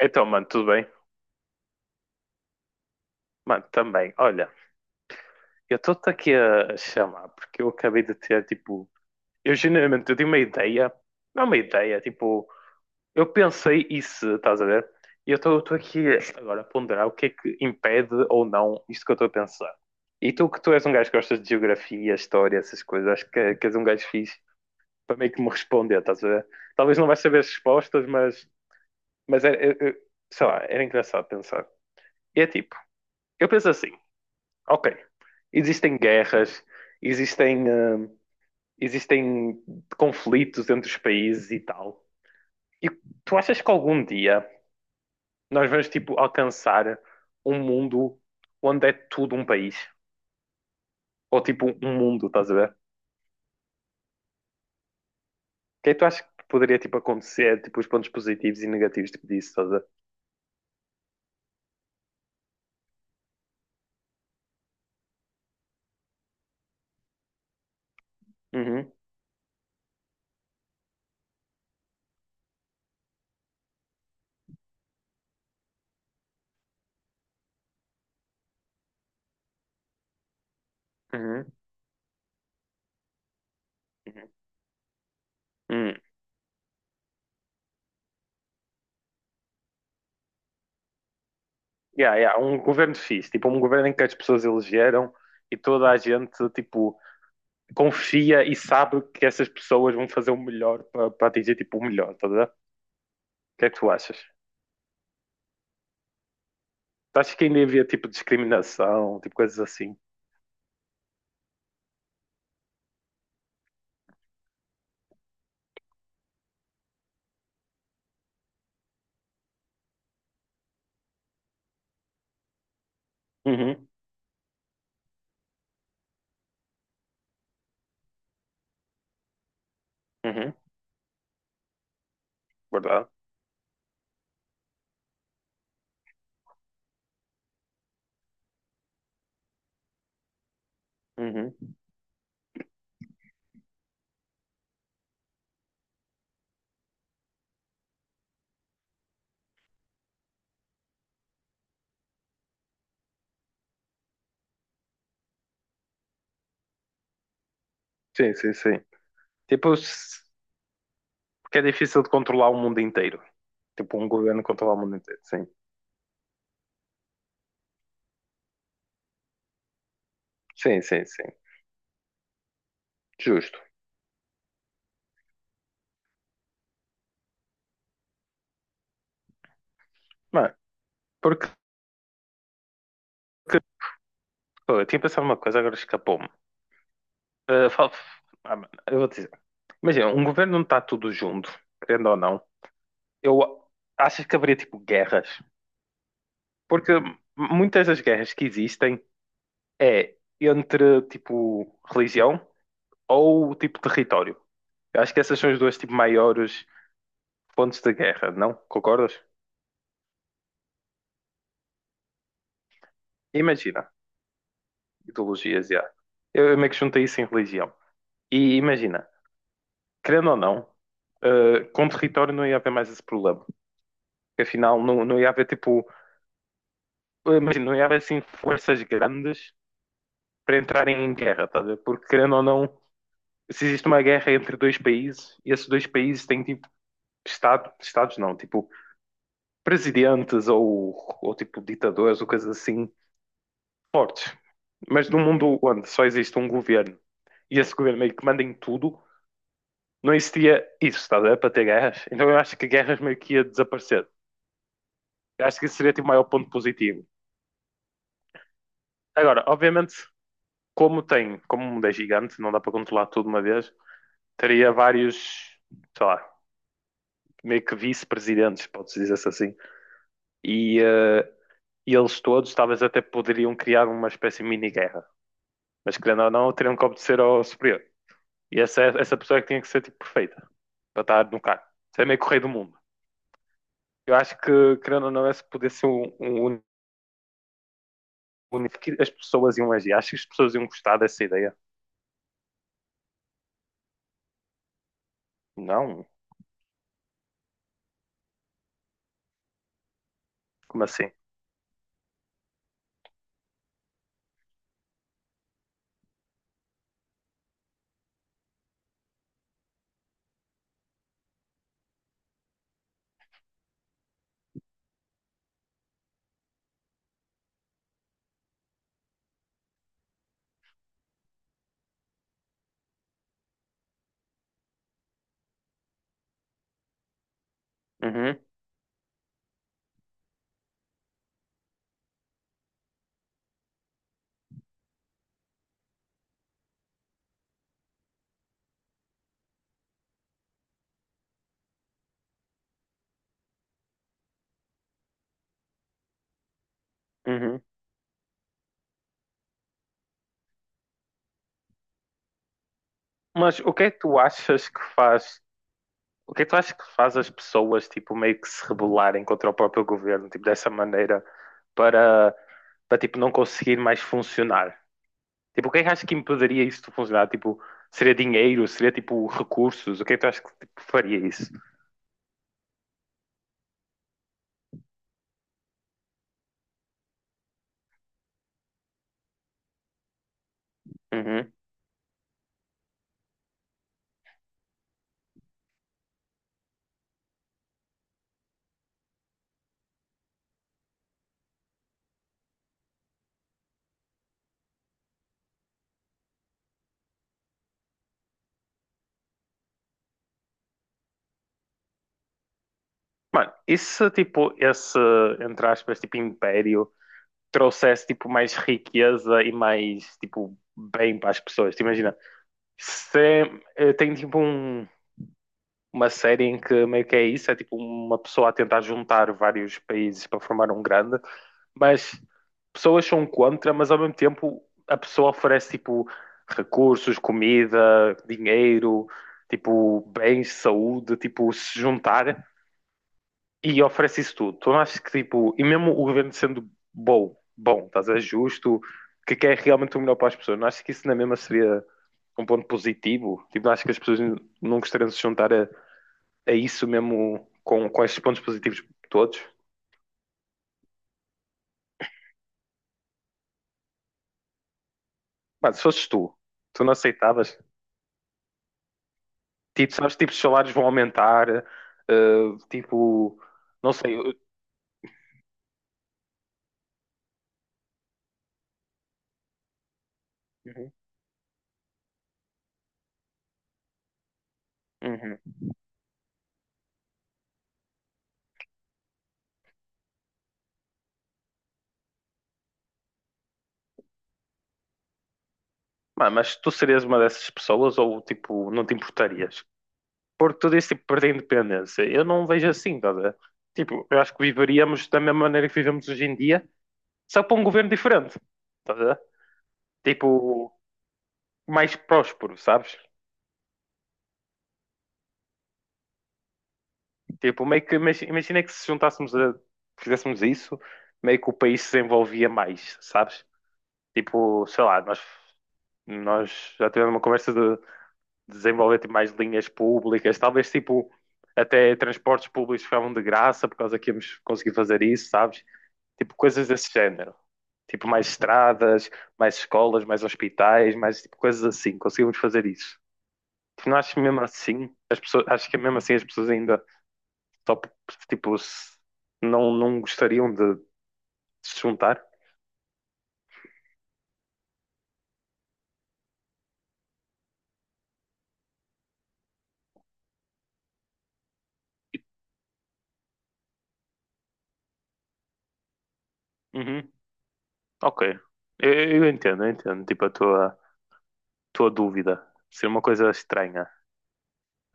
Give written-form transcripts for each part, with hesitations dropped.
Então, mano, tudo bem? Mano, também. Olha, eu estou-te aqui a chamar porque eu acabei de ter, tipo, eu genuinamente eu tenho uma ideia, não é uma ideia, tipo, eu pensei isso, estás a ver? E eu estou aqui agora a ponderar o que é que impede ou não isto que eu estou a pensar. E tu que tu és um gajo que gostas de geografia, história, essas coisas, acho que és um gajo fixe para meio que me responder, estás a ver? Talvez não vais saber as respostas, mas, mas sei lá, era engraçado pensar. E é tipo, eu penso assim, ok, existem guerras, existem, existem conflitos entre os países e tal. E tu achas que algum dia nós vamos, tipo, alcançar um mundo onde é tudo um país? Ou, tipo, um mundo, estás a ver? O que é que tu achas que poderia, tipo, acontecer? Tipo, os pontos positivos e negativos, tipo, disso, estás a ver? Uhum, uhum, uhum. Hum. Yeah, yeah, um governo fixe, tipo, um governo em que as pessoas elegeram e toda a gente, tipo, confia e sabe que essas pessoas vão fazer o melhor para atingir tipo o melhor, tá a ver? O que é que tu achas? Tu achas que ainda havia tipo discriminação, tipo coisas assim? Uhum, uhum, verdade. Uhum. Sim, sim, sim. Tipo, porque é difícil de controlar o mundo inteiro. Tipo, um governo controlar o mundo inteiro, sim. Sim, sim, sim. Justo. Mano, porque que- pô, eu tinha pensado uma coisa, agora escapou-me. Ah, fal- ah, mano, eu vou te dizer. Imagina, um governo não está tudo junto, querendo ou não. Eu acho que haveria tipo guerras, porque muitas das guerras que existem é entre, tipo, religião ou, tipo, território. Eu acho que essas são os dois, tipo, maiores pontos de guerra, não? Concordas? Imagina, ideologias, já. Eu meio que juntei isso em religião. E imagina, querendo ou não, com território não ia haver mais esse problema. Porque, afinal, não ia haver, tipo, imagina, não ia haver, assim, forças grandes para entrarem em guerra, tá a ver? Porque, querendo ou não, se existe uma guerra entre dois países, e esses dois países têm, tipo, Estado, estados não, tipo presidentes ou tipo ditadores ou coisas assim fortes. Mas num mundo onde só existe um governo e esse governo meio que manda em tudo, não existia isso, está a ver? Para ter guerras. Então eu acho que guerras meio que ia desaparecer. Eu acho que isso seria tipo o maior ponto positivo. Agora, obviamente, como tem, como o mundo é gigante, não dá para controlar tudo de uma vez, teria vários, sei lá, meio que vice-presidentes, pode-se dizer assim. E e eles todos talvez até poderiam criar uma espécie de mini-guerra, mas querendo ou não, teriam que obedecer ao superior. E essa pessoa é que tinha que ser tipo perfeita para estar no cargo. Isso é meio correio do mundo. Eu acho que, querendo ou não, esse poder ser um, um as pessoas iam agir. Acho que as pessoas iam gostar dessa ideia. Não? Como assim? Uhum, uhum. Mas o que é que tu achas que faz? O que é que tu achas que faz as pessoas tipo meio que se rebelarem contra o próprio governo, tipo dessa maneira, para para tipo não conseguir mais funcionar? Tipo, o que é que achas que impediria isso de funcionar? Tipo, seria dinheiro? Seria, tipo, recursos? O que é que tu achas que tipo faria isso? Uhum. Mano, e se, tipo, esse, entre aspas, tipo, império trouxesse, tipo, mais riqueza e mais, tipo, bem para as pessoas? Tipo, imagina, se tem, tipo, um, uma série em que meio que é isso, é, tipo, uma pessoa a tentar juntar vários países para formar um grande, mas pessoas são contra, mas ao mesmo tempo a pessoa oferece tipo recursos, comida, dinheiro, tipo bens, saúde, tipo se juntar e oferece isso tudo. Tu não achas que tipo, e mesmo o governo sendo bom, bom, estás a ver, justo, que quer realmente o melhor para as pessoas, não achas que isso na mesma seria um ponto positivo? Tipo, não achas que as pessoas não gostariam de se juntar a isso mesmo com estes pontos positivos todos? Mas se fosses tu, tu não aceitavas? Tipo, sabes, tipo, os salários vão aumentar, tipo, não sei. Uhum, uhum. Mas tu serias uma dessas pessoas ou, tipo, não te importarias? Porque tu disse, tipo, perder a independência. Eu não vejo assim, tá a ver? Tipo, eu acho que viveríamos da mesma maneira que vivemos hoje em dia, só para um governo diferente, tá a ver? Tipo, mais próspero, sabes? Tipo, meio que, imagina que se juntássemos a, fizéssemos isso, meio que o país se desenvolvia mais, sabes? Tipo, sei lá, nós já tivemos uma conversa de desenvolver tipo mais linhas públicas, talvez tipo até transportes públicos ficavam de graça por causa que íamos conseguir fazer isso, sabes? Tipo, coisas desse género. Tipo, mais estradas, mais escolas, mais hospitais, mais tipo coisas assim. Conseguimos fazer isso. Tipo, não acho que mesmo assim, as pessoas, acho que mesmo assim as pessoas ainda só, tipo, não, não gostariam de se juntar. Uhum, ok. Eu entendo, eu entendo. Tipo, a tua, estou a dúvida. Seria uma coisa estranha.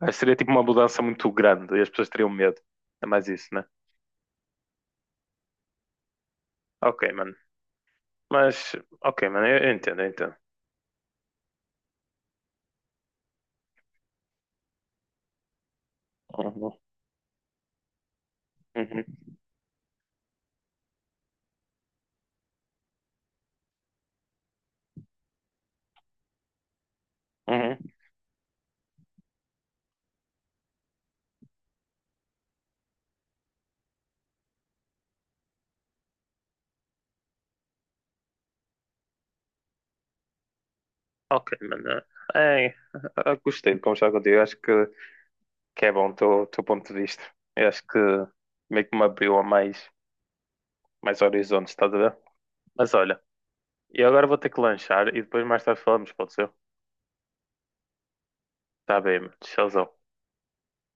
Acho que seria tipo uma mudança muito grande e as pessoas teriam medo. É mais isso, né? Ok, mano. Mas, ok, mano, eu entendo, eu entendo. Uhum, uhum, uhum. Ok, mano. É, eu gostei de conversar contigo. Eu acho que é bom o teu ponto de vista. Eu acho que meio que me abriu a mais, mais horizontes, estás a ver? Mas olha, eu agora vou ter que lanchar e depois mais tarde falamos, pode ser? Tá bem, mano. Tchauzão.